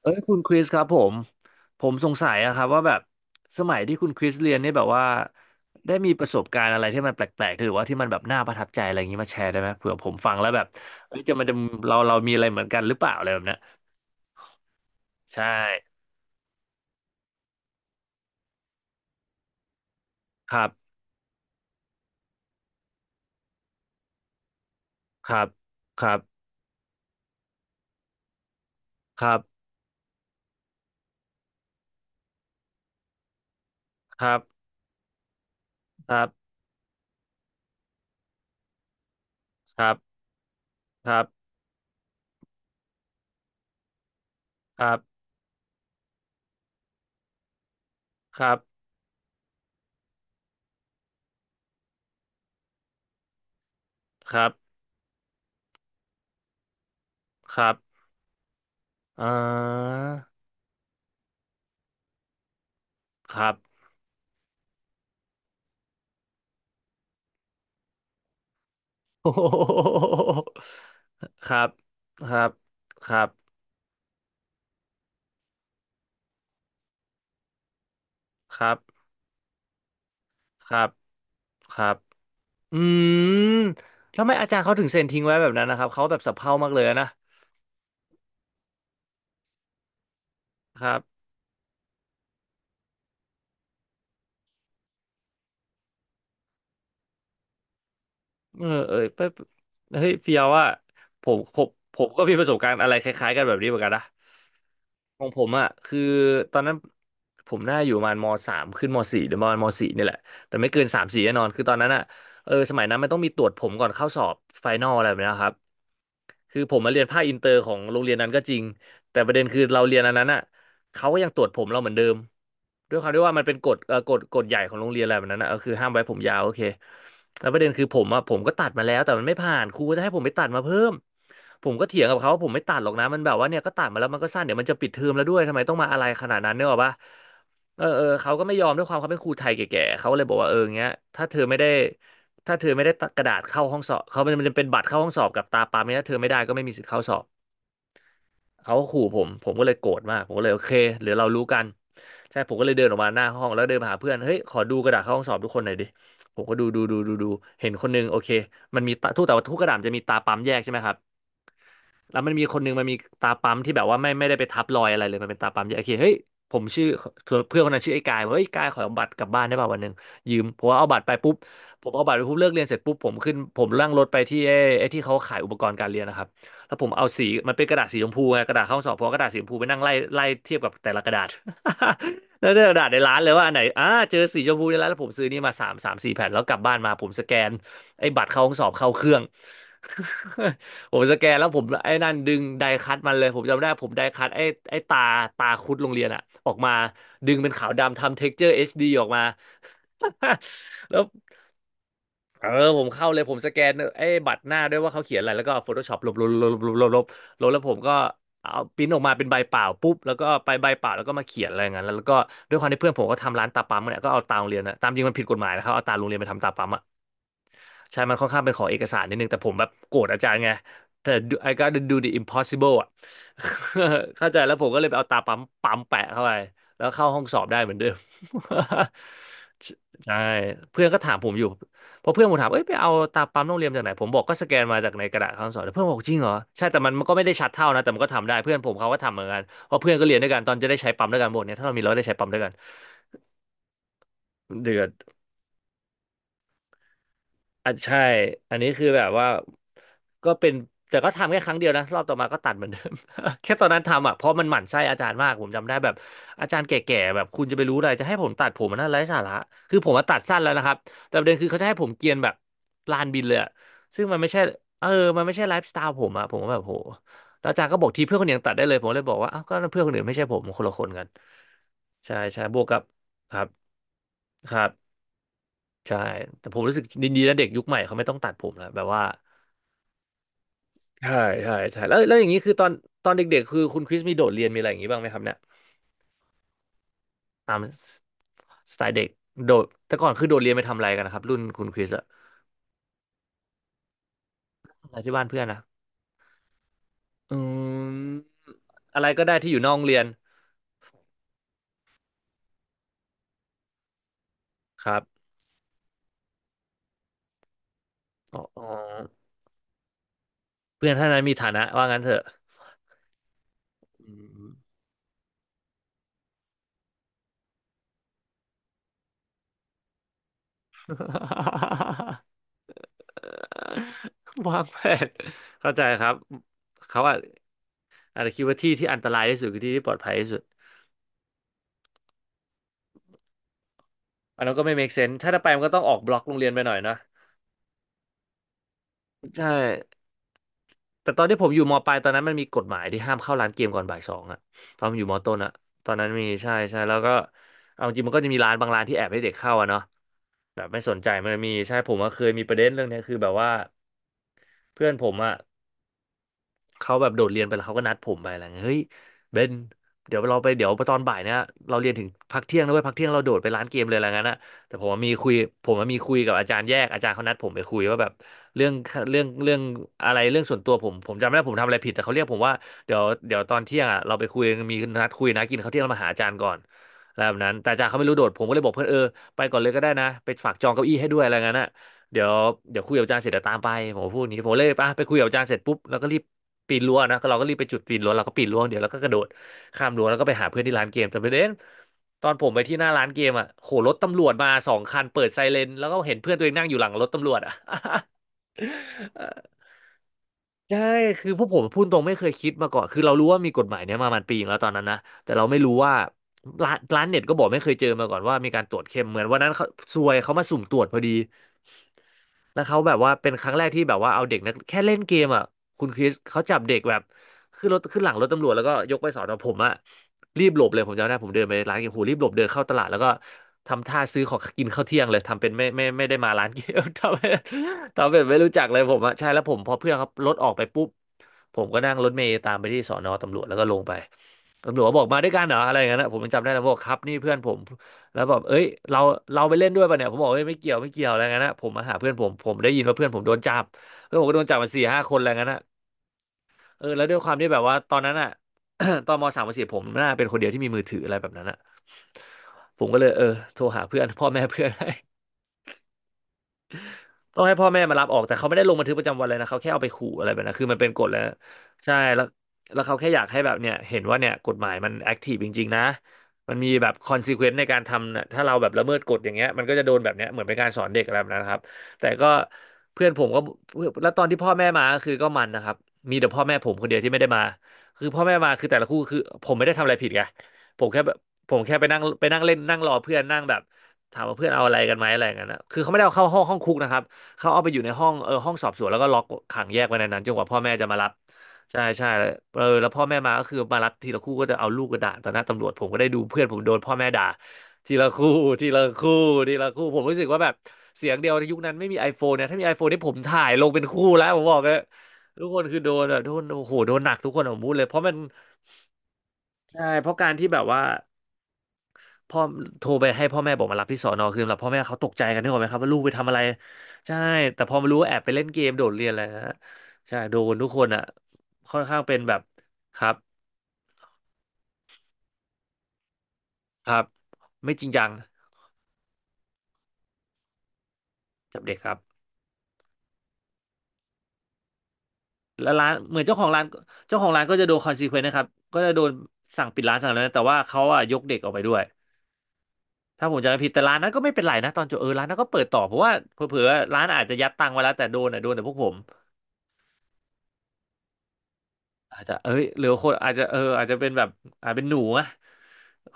เอ้ยคุณคริสครับผมสงสัยอะครับว่าแบบสมัยที่คุณคริสเรียนเนี่ยแบบว่าได้มีประสบการณ์อะไรที่มันแปลกๆหรือว่าที่มันแบบน่าประทับใจอะไรอย่างนี้มาแชร์ได้ไหมเผื่อผมฟังแล้วแบบเอ้ยจะมันจะเรามีอะไรเหมือนกันหรือเปล่าอะไรแบบเนี้ยใช่ครับครับครับครับครับครับครับครับครับครับครับครับอ่าครับโอ้โหครับครับครับครับครับ ครับ อืมแล้วทำไมอาจารย์เขาถึงเซ็นทิ้งไว้แบบนั้นนะครับ เขาแบบสะเพร่ามากเลยนะครับเออเออเป๊ะเฮ้ยเฟียวอ่ะผมผมผมก็มีประสบการณ์อะไรคล้ายๆกันแบบนี้เหมือนกันนะของผมอ่ะคือตอนนั้นผมน่าอยู่ประมาณมสามขึ้นมสี่หรือประมาณมสี่นี่แหละ แต่ไม่เกินสามสี่แน่นอน คือตอนนั้นอ่ะเออสมัยนั้นมันต้องมีตรวจผมก่อนเข้าสอบไฟนอลอะไรแบบนี้นะครับคือผมมาเรียนภาคอินเตอร์ของโรงเรียนนั้นก็จริงแต่ประเด็นคือเราเรียนอันนั้นอ่ะ เขาก็ยังตรวจผมเราเหมือนเดิมด้วยความที่ว่ามันเป็นกฎเอ่อกฎกฎใหญ่ของโรงเรียนอะไรแบบนั้นนะก็คือห้ามไว้ผมยาวโอเคแล้วประเด็นคือผมอะผมก็ตัดมาแล้วแต่มันไม่ผ่านครูก็จะให้ผมไปตัดมาเพิ่มผมก็เถียงกับเขาว่าผมไม่ตัดหรอกนะมันแบบว่าเนี่ยก็ตัดมาแล้วมันก็สั้นเดี๋ยวมันจะปิดเทอมแล้วด้วยทำไมต้องมาอะไรขนาดนั้นเนี่ยหรอกปะเออเออเขาก็ไม่ยอมด้วยความเขาเป็นครูไทยแก่ๆเขาเลยบอกว่าเอออย่างเงี้ยถ้าเธอไม่ได้ถ้าเธอไม่ได้กระดาษเข้าห้องสอบเขามันจะเป็นบัตรเข้าห้องสอบกับตาปาไม่ถ้าเธอไม่ได้ก็ไม่มีสิทธิ์เข้าสอบ เขาก็ขู่ผมผมก็เลยโกรธมาก ผมก็เลยโอเคเดี๋ยวเรารู้กันใช่ผมก็เลยเดินออกมาหน้าห้องแล้วเดินไปหาเพื่อน เฮ้ย ขอดูกระดาษเข้าห้องสอบทุกคนหน่อยดิ ผมก็ดูดูดูดูดูเห็นคนนึงโอเค มันมีตาทุกแต่ว่าทุกกระดาษมันจะมีตาปั๊มแยกใช่ไหมครับ แล้วมันมีคนหนึงมันมีตาปั๊มที่แบบว่าไม่ได้ไปทับรอยอะไรเลยมันเป็นตาปั๊มที่โอเคเฮ้ยผมชื่อเพื่อนคนนั้นชื่อไอ้กายบอกเฮ้ยกายขอเอาบัตรกลับบ้านได้ป่ะวันหนึ่งยืมผมเอาบัตรไปปุ๊บผมเอาบัตรไปปุ๊บเลิกเรียนเสร็จปุ๊บผมขึ้นผมนั่งรถไปที่ไอ้ที่เขาขายอุปกรณ์การเรียนนะครับแล้วผมเอาสีมันเป็นกระดาษสีชมพูไงกระดาษข้อสอบเพราะกระดาษสีชมพูไปนั่งไล่ไล่เทียบกับแต่ละกระดาษ แล้วแต่กระดาษในร้านเลยว่าอันไหนอ่าเจอสีชมพูในร้านแล้วผมซื้อนี่มาสามสามสี่แผ่นแล้วกลับบ้านมาผมสแกนไอ้บัตรเข้าห้องสอบเข้าเครื่อง ผมสแกนแล้วผมไอ้นั่นดึงไดคัตมันเลยผมจำได้ผมไดคัตไอ้ตาคุดโรงเรียนอะออกมาดึงเป็นขาวดำทำเท็กเจอร์เอชดีออกมา แล้วเออผมเข้าเลยผมสแกนไอ้บัตรหน้าด้วยว่าเขาเขียนอะไรแล้วก็ Photoshop ลบลบลบลบลบลบลบแล้วผมก็เอาพิมพ์ออกมาเป็นใบเปล่าปุ๊บแล้วก็ไปใบเปล่าแล้วก็มาเขียนอะไรอย่างนั้นแล้วก็ด้วยความที่เพื่อนผมก็ทำร้านตาปั๊มเนี่ยก็เอาตาโรงเรียนนะตามจริงมันผิดกฎหมายนะครับเอาตาโรงเรียนไปทำตาปั๊ม ใช่มันค่อนข้างเป็นขอเอกสารนิดนึง แต่ผมแบบโกรธอาจารย์ไงแต่ I gotta do the impossible อ่ะ เข้าใจแล้วผมก็เลยไปเอาตาปั๊มปั๊มแปะเข้าไปแล้วเข้าห้องสอบได้เหมือนเดิม ใช่เพื่อนก็ถามผมอยู่เพราะเพื่อนผมถามเอ้ยไปเอาตาปั๊มโรงเรียนจากไหนผมบอกก็สแกนมาจากในกระดาษข้างสอบแล้วเพื่อนบอกจริงเหรอ ใช่แต่มันมันก็ไม่ได้ชัดเท่านะแต่มันก็ทำได้เพื่อนผมเขาก็ทำเหมือนกันเพราะเพื่อนก็เรียนด้วยกันตอนจะได้ใช้ปั๊มด้วยกันหมดเนี่ยถ้าเรามีเราได้ใช้ปั๊มด้วยกันเดือด อ่ะใช่อันนี้คือแบบว่าก็เป็นแต่ก็ทำแค่ครั้งเดียวนะรอบต่อมาก็ตัดเหมือนเดิม แค่ตอนนั้นทำอ่ะเพราะมันหมั่นไส้อาจารย์มากผมจำได้แบบอาจารย์แก่ๆแบบคุณจะไปรู้อะไรจะให้ผมตัดผมมันน่าไร้สาระคือผมมาตัดสั้นแล้วนะครับแต่ประเด็นคือเขาจะให้ผมเกรียนแบบลานบินเลยอะซึ่งมันไม่ใช่เออมันไม่ใช่ไลฟ์สไตล์ผมอ่ะผมก็แบบโหแล้วอาจารย์ก็บอกทีเพื่อนคนอื่นยังตัดได้เลยผมเลยบอกว่าอ้าวก็เพื่อนคนอื่นไม่ใช่ผมคนละคนกันใช่ใช่บวกกับครับครับ ใช่แต่ผมรู้สึกดีๆนะเด็กยุคใหม่เขาไม่ต้องตัดผมแล้วแบบว่าใช่ใช่ใช่แล้วอย่างนี้คือตอนตอนเด็กๆคือคุณคริสมีโดดเรียนมีอะไรอย่างนี้บ้างไหมครับเนี่ยตามสไตล์เด็กโดดแต่ก่อนคือโดดเรียนไปทำอะไรกันนะครับรุ่นคุณคริสอะอะไรที่บ้านเพื่อนนะอืมอะไรก็ได้ที่อยู่นอกโรงเรียนครับอ๋ออ๋อเพื่อนท่านนั้นมีฐานะว่างั้นเถอะอืม วางแผนเข้าใจครับเขาอะอาจจะคิดว่าที่ที่อันตรายที่สุดคือที่ที่ปลอดภัยที่สุด อันนั้นก็ไม่ make sense ถ้าจะไปมันก็ต้องออกบล็อกโรงเรียนไปหน่อยเนอะใช่ แต่ตอนที่ผมอยู่มปลายตอนนั้นมันมีกฎหมายที่ห้ามเข้าร้านเกมก่อนบ่ายสองอะตอนผมอยู่มต้นอะตอนนั้นมีใช่ใช่แล้วก็เอาจริงมันก็จะมีร้านบางร้านที่แอบให้เด็กเข้าอะเนาะแบบไม่สนใจมันมีใช่ผมก็เคยมีประเด็นเรื่องเนี้ยคือแบบว่าเพื่อนผมอะ เขาแบบโดดเรียนไปแล้วเขาก็นัดผมไปอะไรเงี้ยเฮ้ยเบนเดี๋ยวเราไปเดี๋ยวตอนบ่ายเนี่ยเราเรียนถึงพักเที่ยงนะเว้ยพักเที่ยงเราโดดไปร้านเกมเลยอะไรเงี้ยนะแต่ผมว่ามีคุยผมว่ามีคุยกับอาจารย์แยกอาจารย์เขานัดผมไปคุยว่าแบบเรื่องเรื่องอะไรเรื่องส่วนตัวผมผมจำไม่ได้ผมทำอะไรผิดแต่เขาเรียกผมว่าเดี๋ยวตอนเที่ยงอ่ะเราไปคุยมีนัดคุยนะกินข้าวเที่ยงแล้วมาหาอาจารย์ก่อนอะไรแบบนั้นแต่อาจารย์เขาไม่รู้โดดผมก็เลยบอกเพื่อนเออไปก่อนเลยก็ได้นะไปฝากจองเก้าอี้ให้ด้วยอะไรเงี้ยนะ เดี๋ยวเดี๋ยวคุยกับอาจารย์เสร็จเดี๋ยวตามไปผมพูดอย่างนี้ผมเลยไปคุยกับอาจารย์เสร็จปุ๊บแล้วก็รีบปีนรั้วนะก็เราก็รีบไปจุดปีนรั้วเราก็ปีนรั้วเดี๋ยวเราก็กระโดดข้ามรั้วแล้วก็ไปหาเพื่อนที่ร้านเกมแต่ประเด็นตอนผมไปที่หน้าร้านเกมอ่ะโหรถตำรวจมา2 คันเปิดไซเรนแล้วก็เห็นเพื่อนตัวเองนั่งอยู่หลังรถตำรวจอ่ะ ใช่คือพวกผมพูดตรงไม่เคยคิดมาก่อนคือเรารู้ว่ามีกฎหมายเนี้ยมามันปีนึงแล้วตอนนั้นนะแต่เราไม่รู้ว่าร้านเน็ตก็บอกไม่เคยเจอมาก่อนว่ามีการตรวจเข้มเหมือนวันนั้นเขาซวยเขามาสุ่มตรวจพอดี แล้วเขาแบบว่าเป็นครั้งแรกที่แบบว่าเอาเด็กนักแค่เล่นเกมอ่ะคุณคริสเขาจับเด็กแบบขึ้นรถขึ้นหลังรถตำรวจแล้วก็ยกไปสอนอผมอ่ะรีบหลบเลยผมจำได้ผมเดินไปร้านเกมโหรีบหลบเดินเข้าตลาดแล้วก็ทำท่าซื้อของกินข้าวเที่ยงเลยทำเป็นไม่ได้มาร้านเกม ทำเป็นไม่รู้จักเลยผมอ่ะใช่แล้วผมพอเพื่อนเขารถออกไปปุ๊บ ผมก็นั่งรถเมล์ตามไปที่สอนอตำรวจแล้วก็ลงไปตำรวจก็บอกมาด้วยกันเหรออะไรอย่างนั้นนะผมยังจำได้แล้วบอกครับนี่เพื่อนผมแล้วบอกเอ้ยเราเราไปเล่นด้วยป่ะเนี่ยผมบอกเอ้ยไม่เกี่ยวไม่เกี่ยวอะไรอย่างนั้นนะผมมาหาเพื่อนผมผมได้ยินว่าเพื่อนผมโดนจับเพื่อนผมก็โดนจับมา4-5 คนอะไรอย่างนั้นนะเออแล้วด้วยความที่แบบว่าตอนนั้นอ่ะ ตอนม.3ม.4ผมน่าเป็นคนเดียวที่มีมือถืออะไรแบบนั้นอ่ะผมก็เลยเออโทรหาเพื่อนพ่อแม่เพื่อน ให้ ต้องให้พ่อแม่มารับออกแต่เขาไม่ได้ลงบันทึกประจำวันเลยนะเขาแค่เอาไปขู่อะไรแบบนั้นคือมันเป็นกฎแล้วใช่แล้วแล้วเขาแค่อยากให้แบบเนี่ยเห็นว่าเนี่ยกฎหมายมันแอคทีฟจริงๆนะมันมีแบบคอนซ e เควนซ์ในการทำนะถ้าเราแบบละเมิดกฎอย่างเงี้ยมันก็จะโดนแบบเนี้ยเหมือนเป็นการสอนเด็กอะไรแบบนั้นครับแต่ก็เพื่อนผมก็แล้วตอนที่พ่อแม่มาก็คือก็มันนะครับมีแต่พ่อแม่ผมคนเดียวที่ไม่ได้มาคือพ่อแม่มาคือแต่ละคู่คือผมไม่ได้ทำอะไรผิดไงผมแค่แบบผมแค่ไปนั่งเล่นนั่งรอเพื่อนนั่งแบบถามว่าเพื่อนเอาอะไรกันไหมอะไรกันนะคือเขาไม่ได้เอาเข้าห้องคุกนะครับ เขาเอาไปอยู่ในห้องเออห้องสอบสวนแล้วก็ล็อกขังแยกไว้ในนั้นจนกว่าพ่อแม่จะมารับใช่ใช่เออแล้วพ่อแม่มาก็คือมารับทีละคู่ก็จะเอาลูกกระด่าต่อหน้าตำรวจผมก็ได้ดูเพื่อนผมโดนพ่อแม่ด่าทีละคู่ทีละคู่ทีละคู่ผมรู้สึกว่าแบบเสียงเดียวในยุคนั้นไม่มี iPhone เนี่ยถ้ามี iPhone นี่ผมถ่ายลงเป็นคู่แล้วผมบอกเลยทุกคนคือโดนแบบโดนโอ้โหโดนหนักทุกคนผมพูดเลยเพราะมันใช่เพราะการที่แบบว่า พ่อโทรไปให้พ่อแม่บอกมารับที่สอนอคือสำหรับพ่อแม่เขาตกใจกันนึกออกไหมครับว่าลูกไปทำอะไรใช่แต่พอมารู้ว่าแอบไปเล่นเกมโดดเรียนอะไรนะฮะใช่โดนทุกคนอ่ะค่อนข้างเป็นแบบครับครับไม่จริงจังกับเด็กครับแล้วร้านเหมือนเจ้าของร้านเจ้าของร้านก็จะโดนคอนซีเควนต์นะครับก็จะโดนสั่งปิดร้านสั่งอะไรนะแต่ว่าเขาอ่ะยกเด็กออกไปด้วยถ้าผมจำไม่ผิดแต่ร้านนั้นก็ไม่เป็นไรนะตอนจบเออร้านนั้นก็เปิดต่อเพราะว่าเผลอๆร้านอาจจะยัดตังค์ไว้แล้วแต่โดนอ่ะโดนแต่พวกผม อาจจะเอ้ยหรือคนอาจจะเอออาจจะเป็นแบบอาจเป็นหนูอะ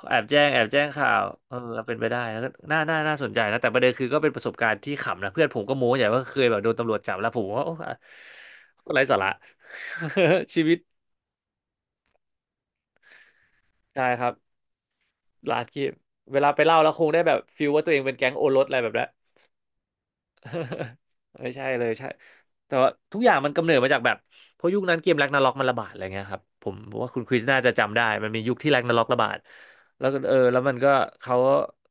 แอบแจ้งข่าวเออเป็นไปได้แล้วก็น่าสนใจนะแต่ประเด็นคือก็เป็นประสบการณ์ที่ขำนะเพื่อนผมก็โม้ใหญ่ว่าเคยแบบโดนตำรวจจับแล้วผมว่าโอ้อะไร้สาระ ชีวิตใช่ครับร้านเกมเวลาไปเล่าแล้วคงได้แบบฟีลว่าตัวเองเป็นแก๊งโอรสอะไรแบบนั้น ไม่ใช่เลยใช่แต่ว่าทุกอย่างมันกำเนิดมาจากแบบเพราะยุคนั้นเกมแร็กนาร็อกมันระบาดอะไรเงี้ยครับผมผมว่าคุณคริสน่าจะจำได้มันมียุคที่แร็กนาร็อกระบาดแล้วก็เออแล้วมันก็เขา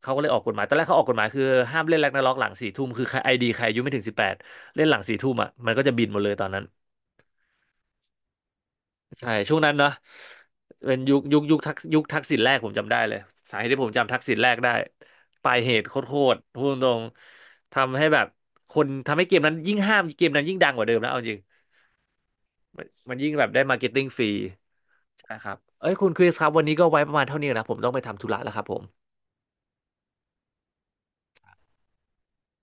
เขาก็เลยออกกฎหมายตอนแรกเขาออกกฎหมายคือห้ามเล่นแร็กนาร็อกหลังสี่ทุ่มคือใครไอดีใครอายุไม่ถึง18เล่นหลังสี่ทุ่มอ่ะมันก็จะบินหมดเลยตอนนั้น ใช่ช่วงนั้นเนาะเป็นยุคทักษิณแรกผมจำได้เลยสาเหตุที่ผมจำทักษิณแรกได้ปลายเหตุโคตรๆพูดตรงๆทำให้แบบคนทำให้เกมนั้นยิ่งห้ามเกมนั้นยิ่งดังกว่าเดิมแล้วเอาจริงมันยิ่งแบบได้มาร์เก็ตติ้งฟรีใช่ครับเอ้ยคุณคริสครับวันนี้ก็ไว้ประมาณเท่านี้นะผมต้องไปทำธุระแล้วครับผม